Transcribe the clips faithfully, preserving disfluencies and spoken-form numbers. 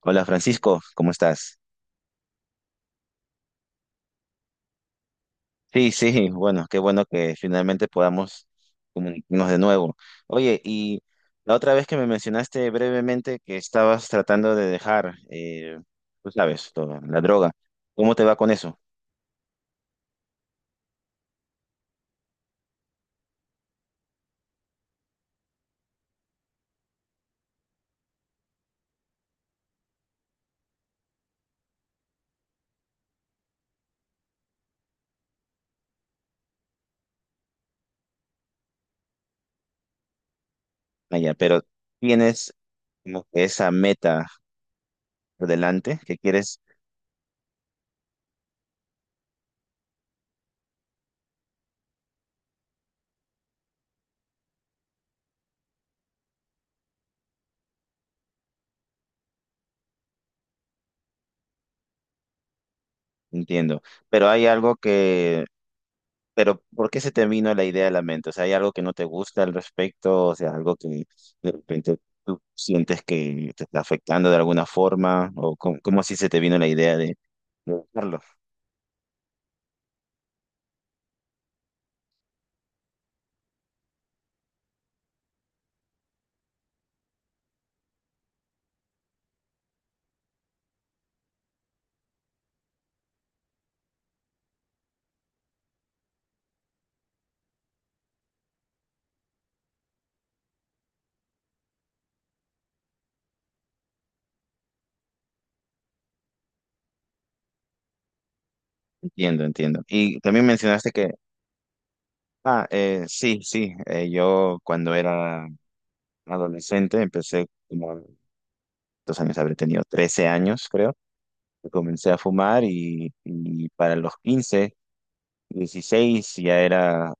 Hola Francisco, ¿cómo estás? Sí, sí, bueno, qué bueno que finalmente podamos comunicarnos de nuevo. Oye, y la otra vez que me mencionaste brevemente que estabas tratando de dejar, eh, tú sabes, todo, la droga, ¿cómo te va con eso? Ah, ya, pero tienes como que esa meta por delante que quieres, entiendo, pero hay algo que pero, ¿por qué se te vino la idea a la mente? O sea, ¿hay algo que no te gusta al respecto? O sea, algo que de repente tú sientes que te está afectando de alguna forma, o cómo, cómo así se te vino la idea de de hacerlo? Entiendo, entiendo. Y también mencionaste que, ah, eh, sí, sí, eh, yo cuando era adolescente empecé como, dos años habré tenido trece años, creo, y comencé a fumar y, y para los quince dieciséis ya era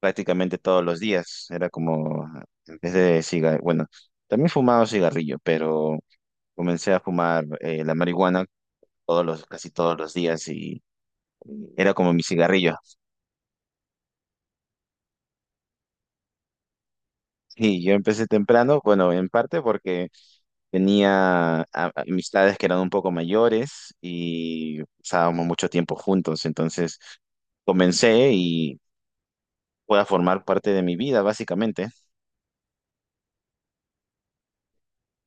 prácticamente todos los días. Era como, en vez de cigarrillo, bueno, también fumaba cigarrillo, pero comencé a fumar eh, la marihuana todos los, casi todos los días y era como mi cigarrillo. Y yo empecé temprano, bueno, en parte porque tenía a- amistades que eran un poco mayores y pasábamos mucho tiempo juntos, entonces comencé y fue a formar parte de mi vida, básicamente.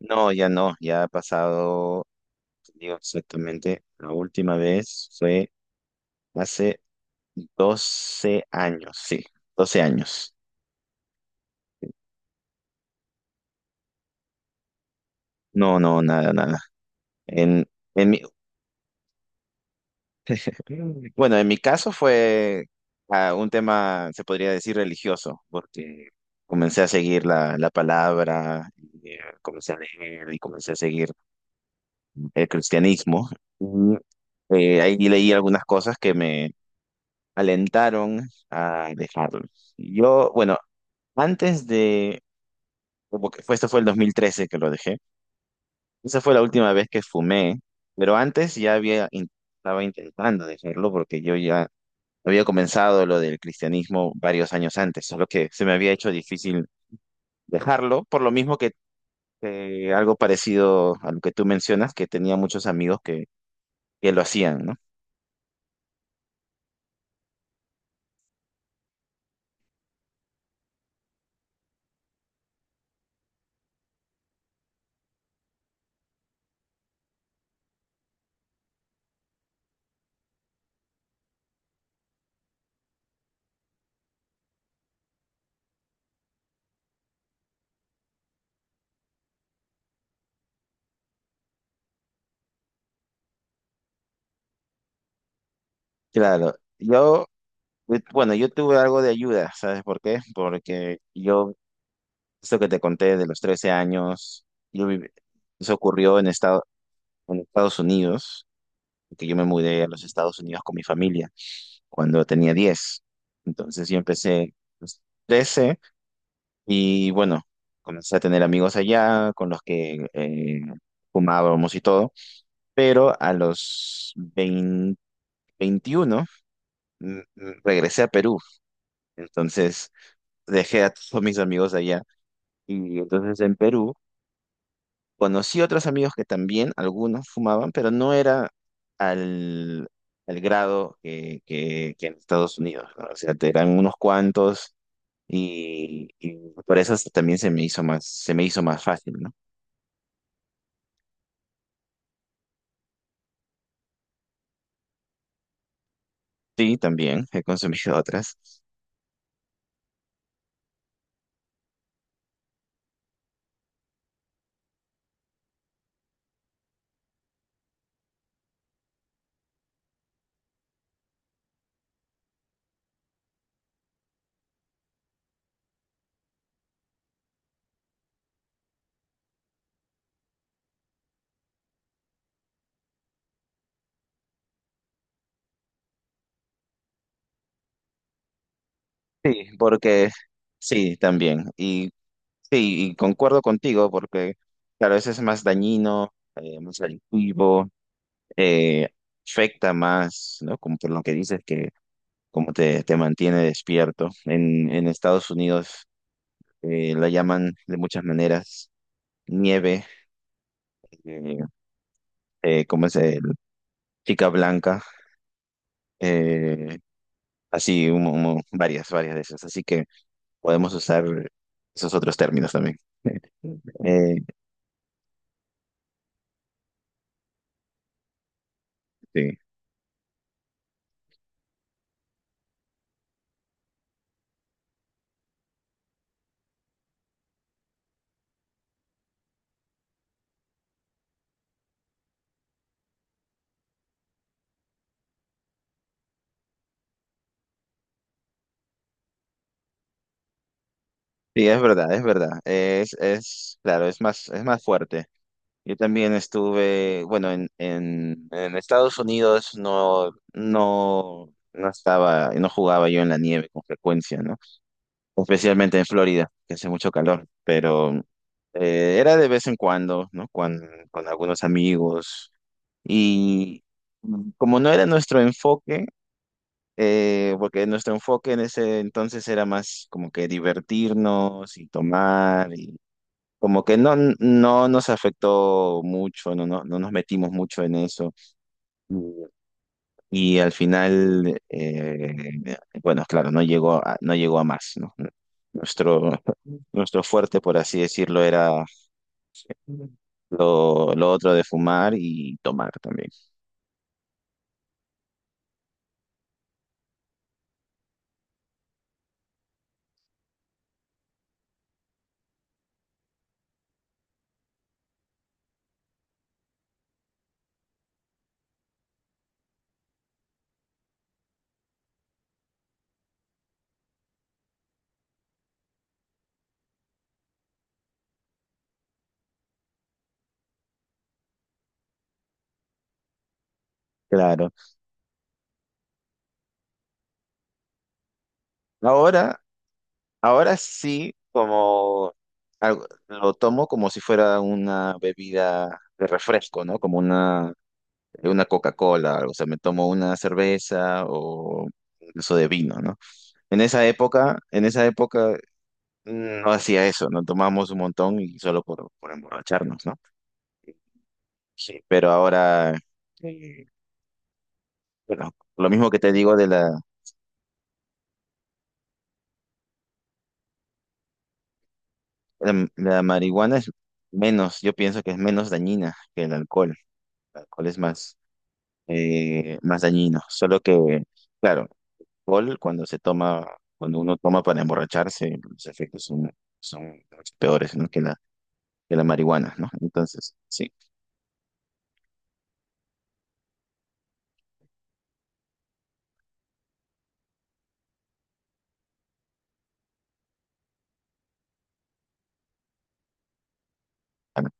No, ya no, ya ha pasado. Digo exactamente, la última vez fue hace doce años, sí, doce años. No, no, nada, nada. En, en mi, bueno, en mi caso fue ah, un tema, se podría decir, religioso, porque comencé a seguir la, la palabra, y, eh, comencé a leer y comencé a seguir el cristianismo. Y, eh, ahí leí algunas cosas que me alentaron a dejarlo. Yo, bueno, antes de como que fue, este fue el dos mil trece que lo dejé. Esa fue la última vez que fumé, pero antes ya había, in- estaba intentando dejarlo porque yo ya había comenzado lo del cristianismo varios años antes, solo que se me había hecho difícil dejarlo, por lo mismo que eh, algo parecido a lo que tú mencionas, que tenía muchos amigos que, que lo hacían, ¿no? Claro, yo, eh, bueno, yo tuve algo de ayuda, ¿sabes por qué? Porque yo, esto que te conté de los trece años, yo viví- eso ocurrió en Estados en Estados Unidos, que yo me mudé a los Estados Unidos con mi familia cuando tenía diez. Entonces yo empecé a los trece y bueno, comencé a tener amigos allá con los que eh, fumábamos y todo, pero a los veinte 21 mm, mm, regresé a Perú, entonces dejé a todos mis amigos allá y entonces en Perú conocí otros amigos que también, algunos fumaban, pero no era al, al grado que, que- que en Estados Unidos, ¿no? O sea, te eran unos cuantos y, y por eso se- también se me hizo más, se me hizo más fácil, ¿no? Sí, también he consumido otras. Sí, porque sí, también. Y sí, y concuerdo contigo porque, claro, eso es más dañino, eh, más adictivo, eh, afecta más, ¿no? Como por lo que dices que como te, te mantiene despierto. En, en Estados Unidos eh, la llaman de muchas maneras nieve, eh, eh, ¿cómo es? eh, chica blanca, eh, así, un- un- varias, varias de esas. Así que podemos usar esos otros términos también. Eh, sí. Sí, es verdad, es verdad. Es, es, claro, es más, es más fuerte. Yo también estuve, bueno, en, en, en Estados Unidos no, no, no estaba, no jugaba yo en la nieve con frecuencia, ¿no? Especialmente en Florida, que hace mucho calor, pero eh, era de vez en cuando, ¿no? Con, con algunos amigos. Y como no era nuestro enfoque, eh, porque nuestro enfoque en ese entonces era más como que divertirnos y tomar, como que no, no nos afectó mucho, no, no, no nos metimos mucho en eso. Y al final, eh, bueno, claro, no llegó a, no llegó a más, ¿no? Nuestro, nuestro fuerte, por así decirlo, era lo, lo otro de fumar y tomar también. Claro. Ahora, ahora sí, como algo- lo tomo como si fuera una bebida de refresco, ¿no? Como una una Coca-Cola, o sea, me tomo una cerveza o eso de vino, ¿no? En esa época, en esa época mm, no hacía eso, no tomábamos un montón y solo por, por emborracharnos, ¿no? Sí. Pero ahora, eh, bueno, lo mismo que te digo de la, la, la marihuana es menos, yo pienso que es menos dañina que el alcohol. El alcohol es más, eh, más dañino, solo que, claro, alcohol, cuando se toma, cuando uno toma para emborracharse, los efectos son, son mucho peores, ¿no? Que la, que la marihuana, ¿no? Entonces, sí, claro,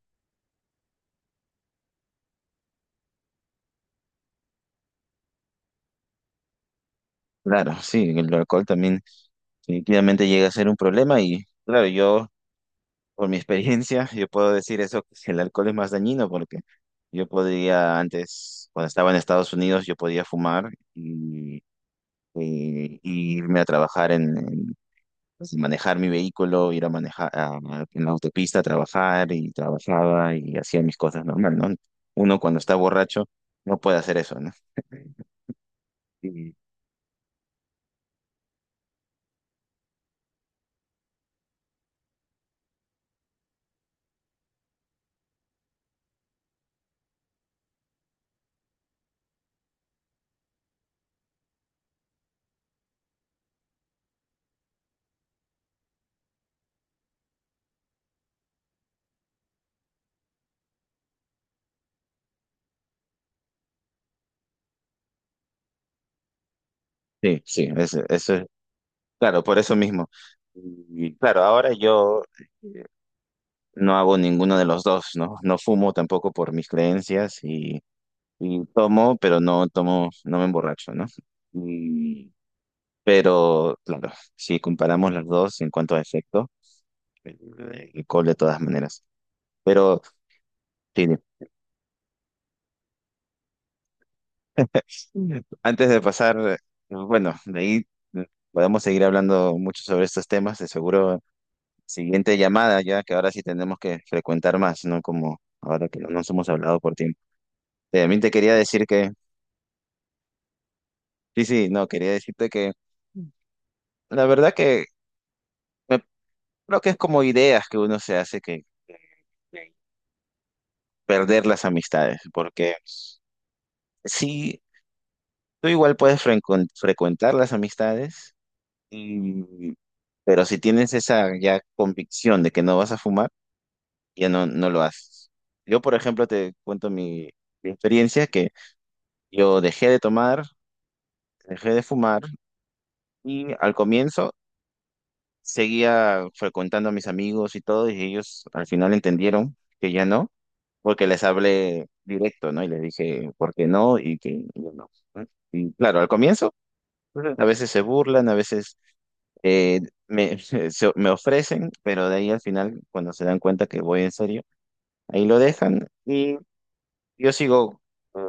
claro, sí, el alcohol también definitivamente llega a ser un problema y, claro, yo, por mi experiencia, yo puedo decir eso, que el alcohol es más dañino porque yo podría antes, cuando estaba en Estados Unidos, yo podía fumar y, y- y irme a trabajar en, entonces, manejar mi vehículo, ir a manejar a- a- en la autopista, trabajar y trabajaba y hacía mis cosas normal, ¿no? Uno cuando está borracho no puede hacer eso, ¿no? Y- sí, sí, eso, eso es, claro, por eso mismo. Y claro, ahora yo no hago ninguno de los dos, ¿no? No fumo tampoco por mis creencias y, y tomo, pero no tomo, no me emborracho, ¿no? Y- pero, claro, si comparamos las dos en cuanto a efecto, eh, el alcohol de todas maneras. Pero sí. Antes de pasar, bueno, de ahí mm, podemos seguir hablando mucho sobre estos temas, de seguro siguiente llamada ya, que ahora sí tenemos que frecuentar más, ¿no? Como ahora que no nos hemos hablado por tiempo. También te quería decir que, sí, sí, no, quería decirte que la verdad que me- creo que es como ideas que uno se hace que que perder las amistades, porque sí, tú igual puedes frencon- frecuentar las amistades Y- pero si tienes esa ya convicción de que no vas a fumar, ya no, no lo haces. Yo, por ejemplo, te cuento mi, mi experiencia, que yo dejé de tomar, dejé de fumar y al comienzo seguía frecuentando a mis amigos y todo, y ellos al final entendieron que ya no, porque les hablé directo, ¿no? Y les dije por qué no y que yo no. ¿No? Y claro, al comienzo, pues, a veces se burlan, a veces Eh, me, se- me ofrecen, pero de ahí al final, cuando se dan cuenta que voy en serio, ahí lo dejan y yo sigo eh,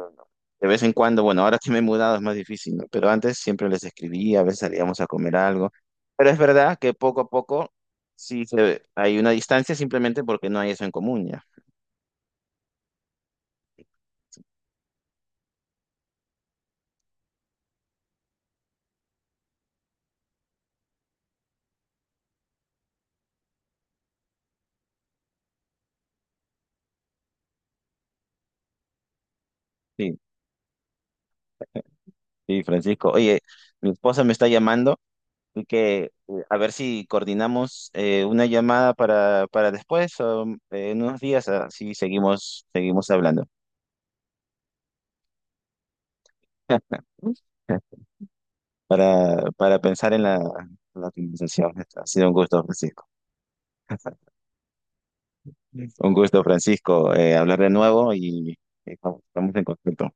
de vez en cuando, bueno, ahora que me he mudado es más difícil, ¿no? Pero antes siempre les escribía, a veces salíamos a comer algo, pero es verdad que poco a poco sí se, hay una distancia simplemente porque no hay eso en común ya. Sí, sí, Francisco. Oye, mi esposa me está llamando. Así que eh, a ver si coordinamos eh, una llamada para, para después o mm, eh, en unos días, así seguimos, seguimos hablando. para, para pensar en la, la conversación. Ha sido un gusto, Francisco. Un gusto, Francisco, eh, hablar de nuevo y eh, estamos en contacto.